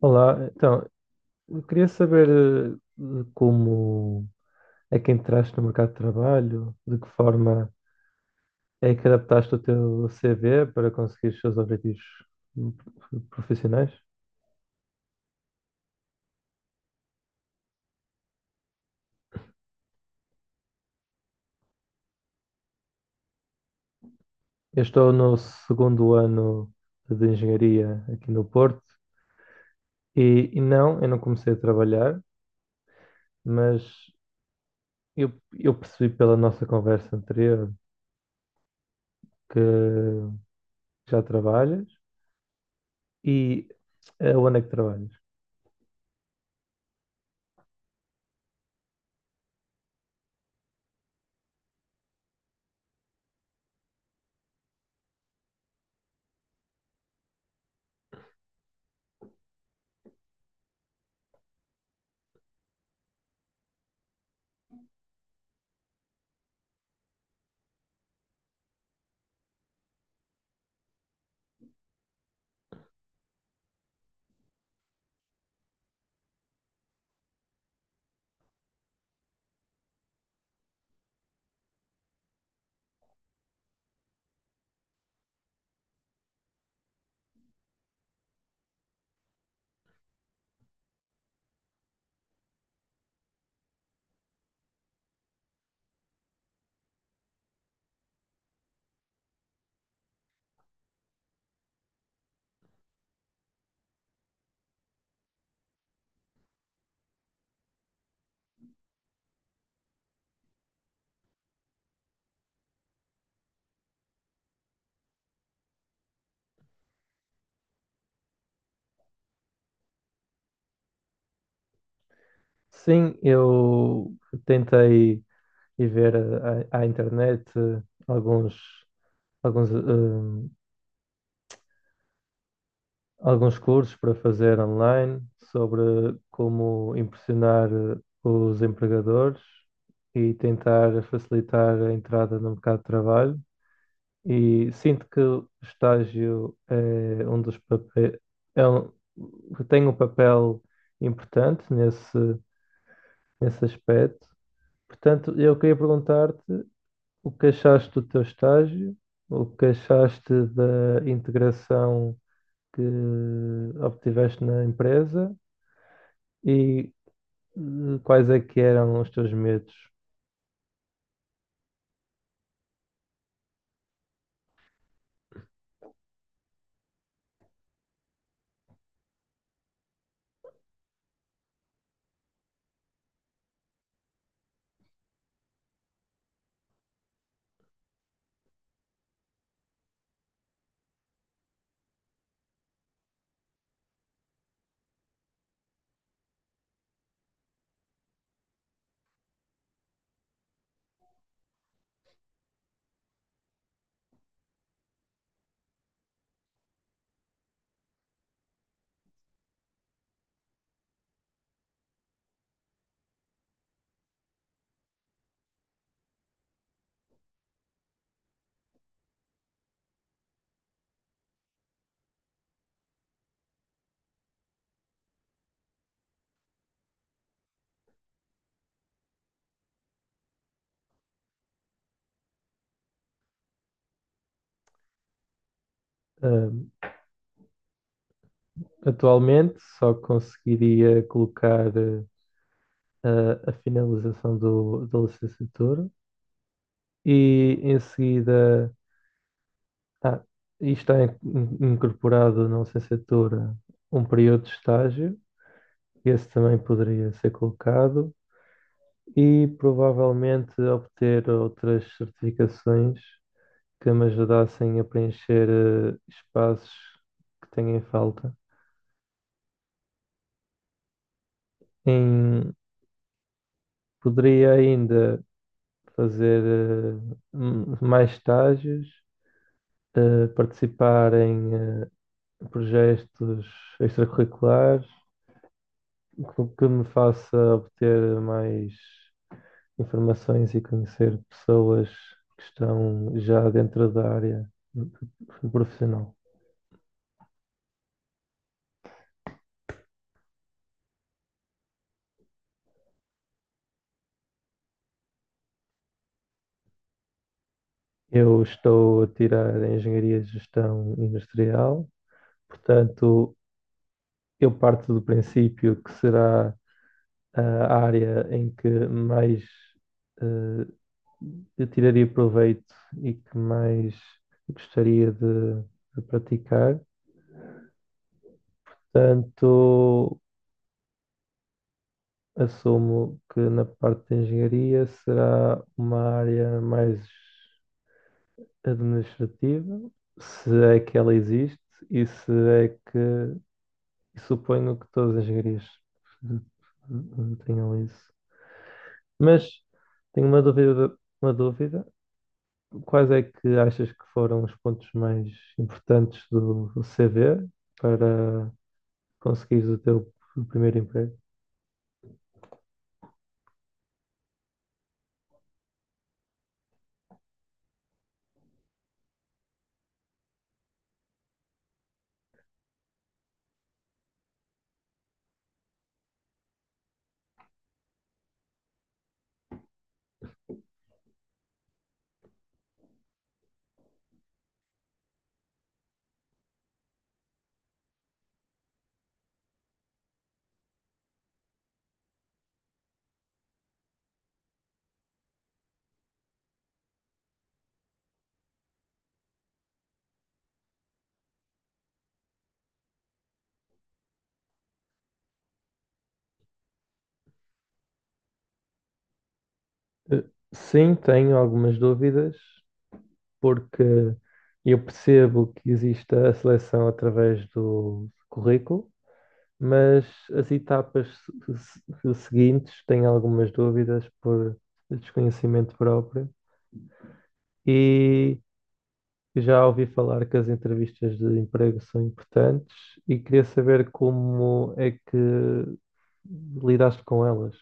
Olá, então, eu queria saber de como é que entraste no mercado de trabalho, de que forma é que adaptaste o teu CV para conseguir os seus objetivos hum, profissionais. Eu estou no segundo ano de engenharia aqui no Porto e não, eu não comecei a trabalhar, mas eu, eu percebi pela nossa conversa anterior que já trabalhas e onde é que trabalhas? Sim, eu tentei ir ver à internet alguns, alguns, eh, alguns cursos para fazer online sobre como impressionar os empregadores e tentar facilitar a entrada no mercado de trabalho. E sinto que o estágio é um dos papéis, é um, tem um papel importante nesse aspecto. Portanto, eu queria perguntar-te: o que achaste do teu estágio? O que achaste da integração que obtiveste na empresa? E quais é que eram os teus medos? Ah, atualmente só conseguiria colocar a finalização da licenciatura e, em seguida, ah, está incorporado na licenciatura um período de estágio, esse também poderia ser colocado, e provavelmente obter outras certificações que me ajudassem a preencher espaços que tenho em falta. Em- Poderia ainda fazer mais estágios, participar em projetos extracurriculares que me faça obter mais informações e conhecer pessoas que estão já dentro da área profissional. Eu estou a tirar a Engenharia de Gestão Industrial, portanto, eu parto do princípio que será a área em que mais eh, eu tiraria proveito e que mais gostaria de praticar. Portanto, assumo que na parte de engenharia será uma área mais administrativa, se é que ela existe e se é que... E suponho que todas as galerias tenham isso. Mas tenho uma dúvida, uma dúvida. Quais é que achas que foram os pontos mais importantes do CV para conseguires o teu primeiro emprego? Eh, Sim, tenho algumas dúvidas, porque eu percebo que existe a seleção através do currículo, mas as etapas seguintes têm algumas dúvidas por desconhecimento próprio, e já ouvi falar que as entrevistas de emprego são importantes e queria saber como é que lidaste com elas.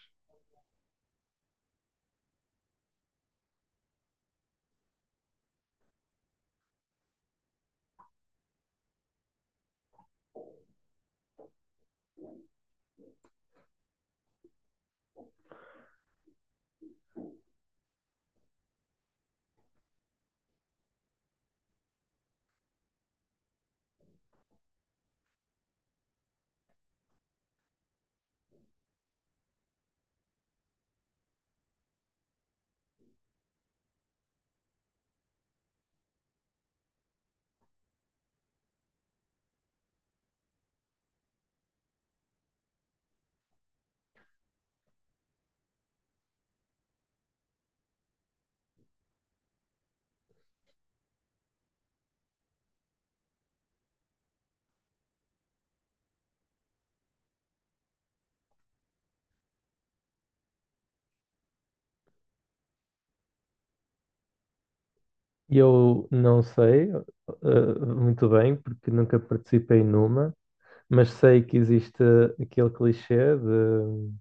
Eu não sei, muito bem, porque nunca participei numa, mas sei que existe aquele clichê de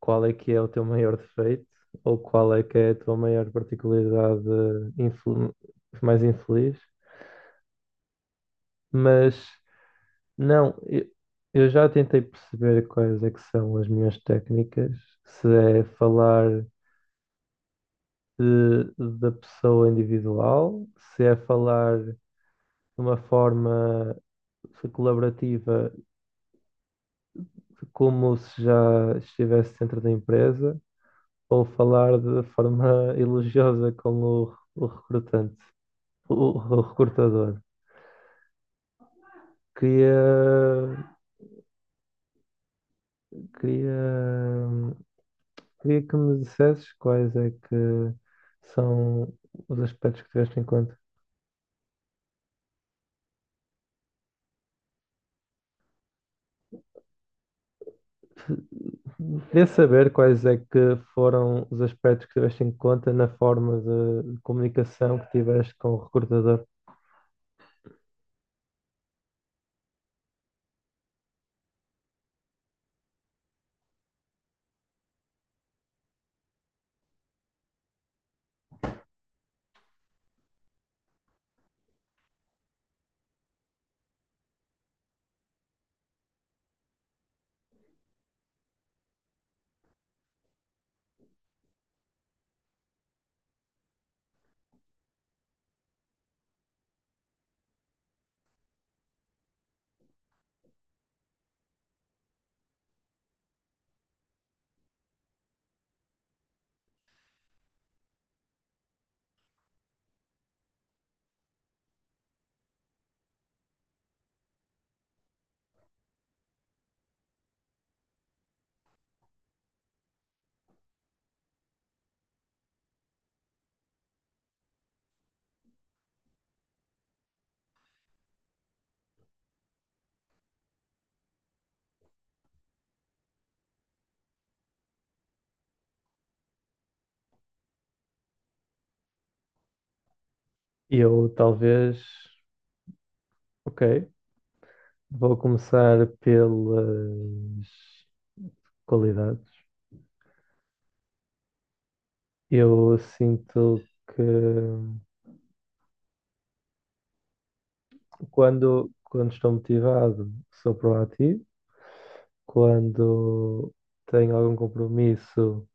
qual é que é o teu maior defeito ou qual é que é a tua maior particularidade infel- mais infeliz, mas não, eu já tentei perceber quais é que são as minhas técnicas, se é falar da pessoa individual, se é falar de uma forma colaborativa como se já estivesse dentro da empresa, ou falar de forma elogiosa com o recrutante, o recrutador. Queria, queria, Queria que me dissesses quais é que são os aspectos que tiveste em conta. Queria saber quais é que foram os aspectos que tiveste em conta na forma de comunicação que tiveste com o recrutador. E eu talvez, ok, vou começar pelas qualidades. Eu sinto que quando estou motivado, sou proativo. Quando tenho algum compromisso,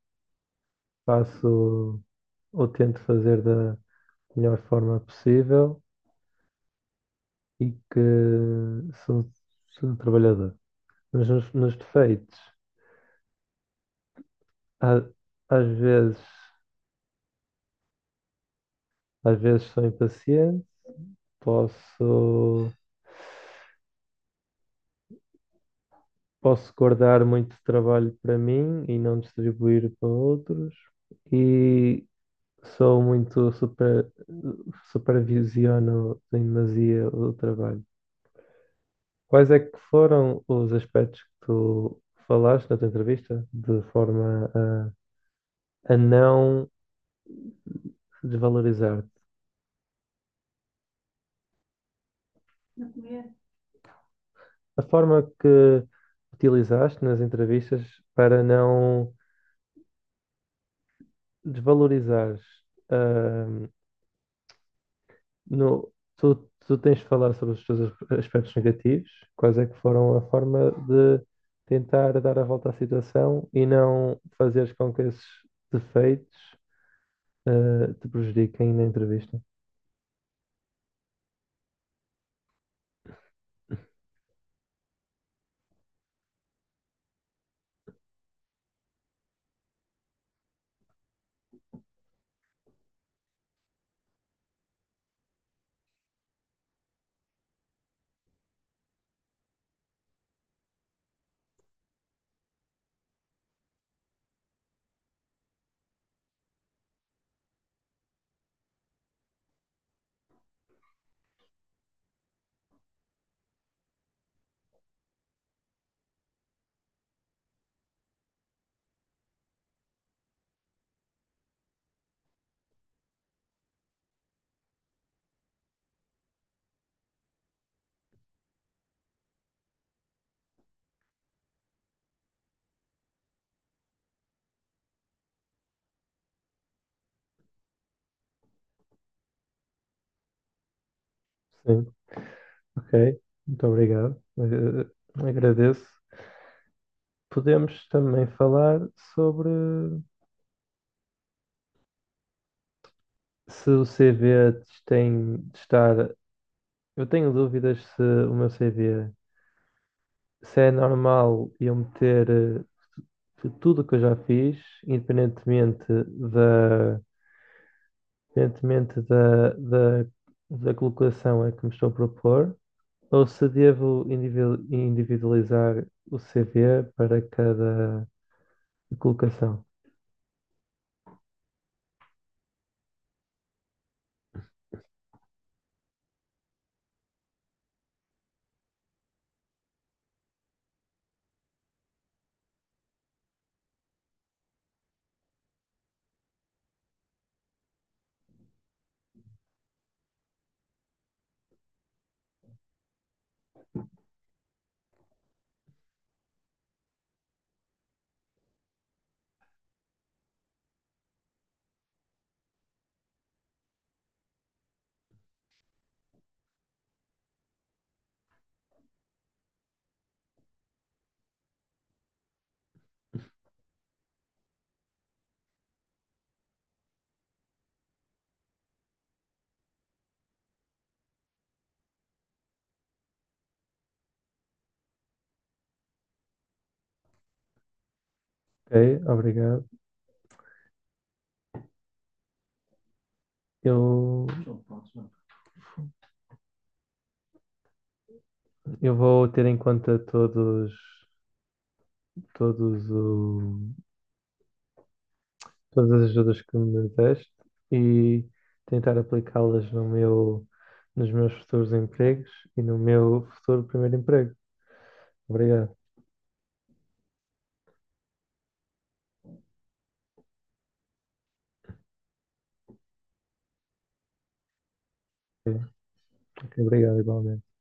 faço ou tento fazer da melhor forma possível e que sou, sou um trabalhador. Mas nos defeitos, a- às vezes, às vezes sou impaciente, posso. posso guardar muito trabalho para mim e não distribuir para outros. E sou muito super, supervisiono em demasia o trabalho. Quais é que foram os aspectos que tu falaste na tua entrevista de forma a não desvalorizar-te? A forma que utilizaste nas entrevistas para não desvalorizares ah... No, tu tens de falar sobre os teus aspectos negativos, quais é que foram a forma de tentar dar a volta à situação e não fazeres com que esses defeitos te prejudiquem na entrevista. Sim, ok, muito obrigado. Agradeço. Podemos também falar sobre se o CV te tem de estar. Eu tenho dúvidas se o meu CV se é normal eu meter de tudo o que eu já fiz, independentemente independentemente da colocação a que me estou a propor, ou se devo individualizar o CV para cada colocação. Ok, obrigado. Eu, eu vou ter em conta todos o, todas as ajudas que me deste e tentar aplicá-las no meu, nos meus futuros empregos e no meu futuro primeiro emprego. Obrigado. Ok, obrigado, igualmente.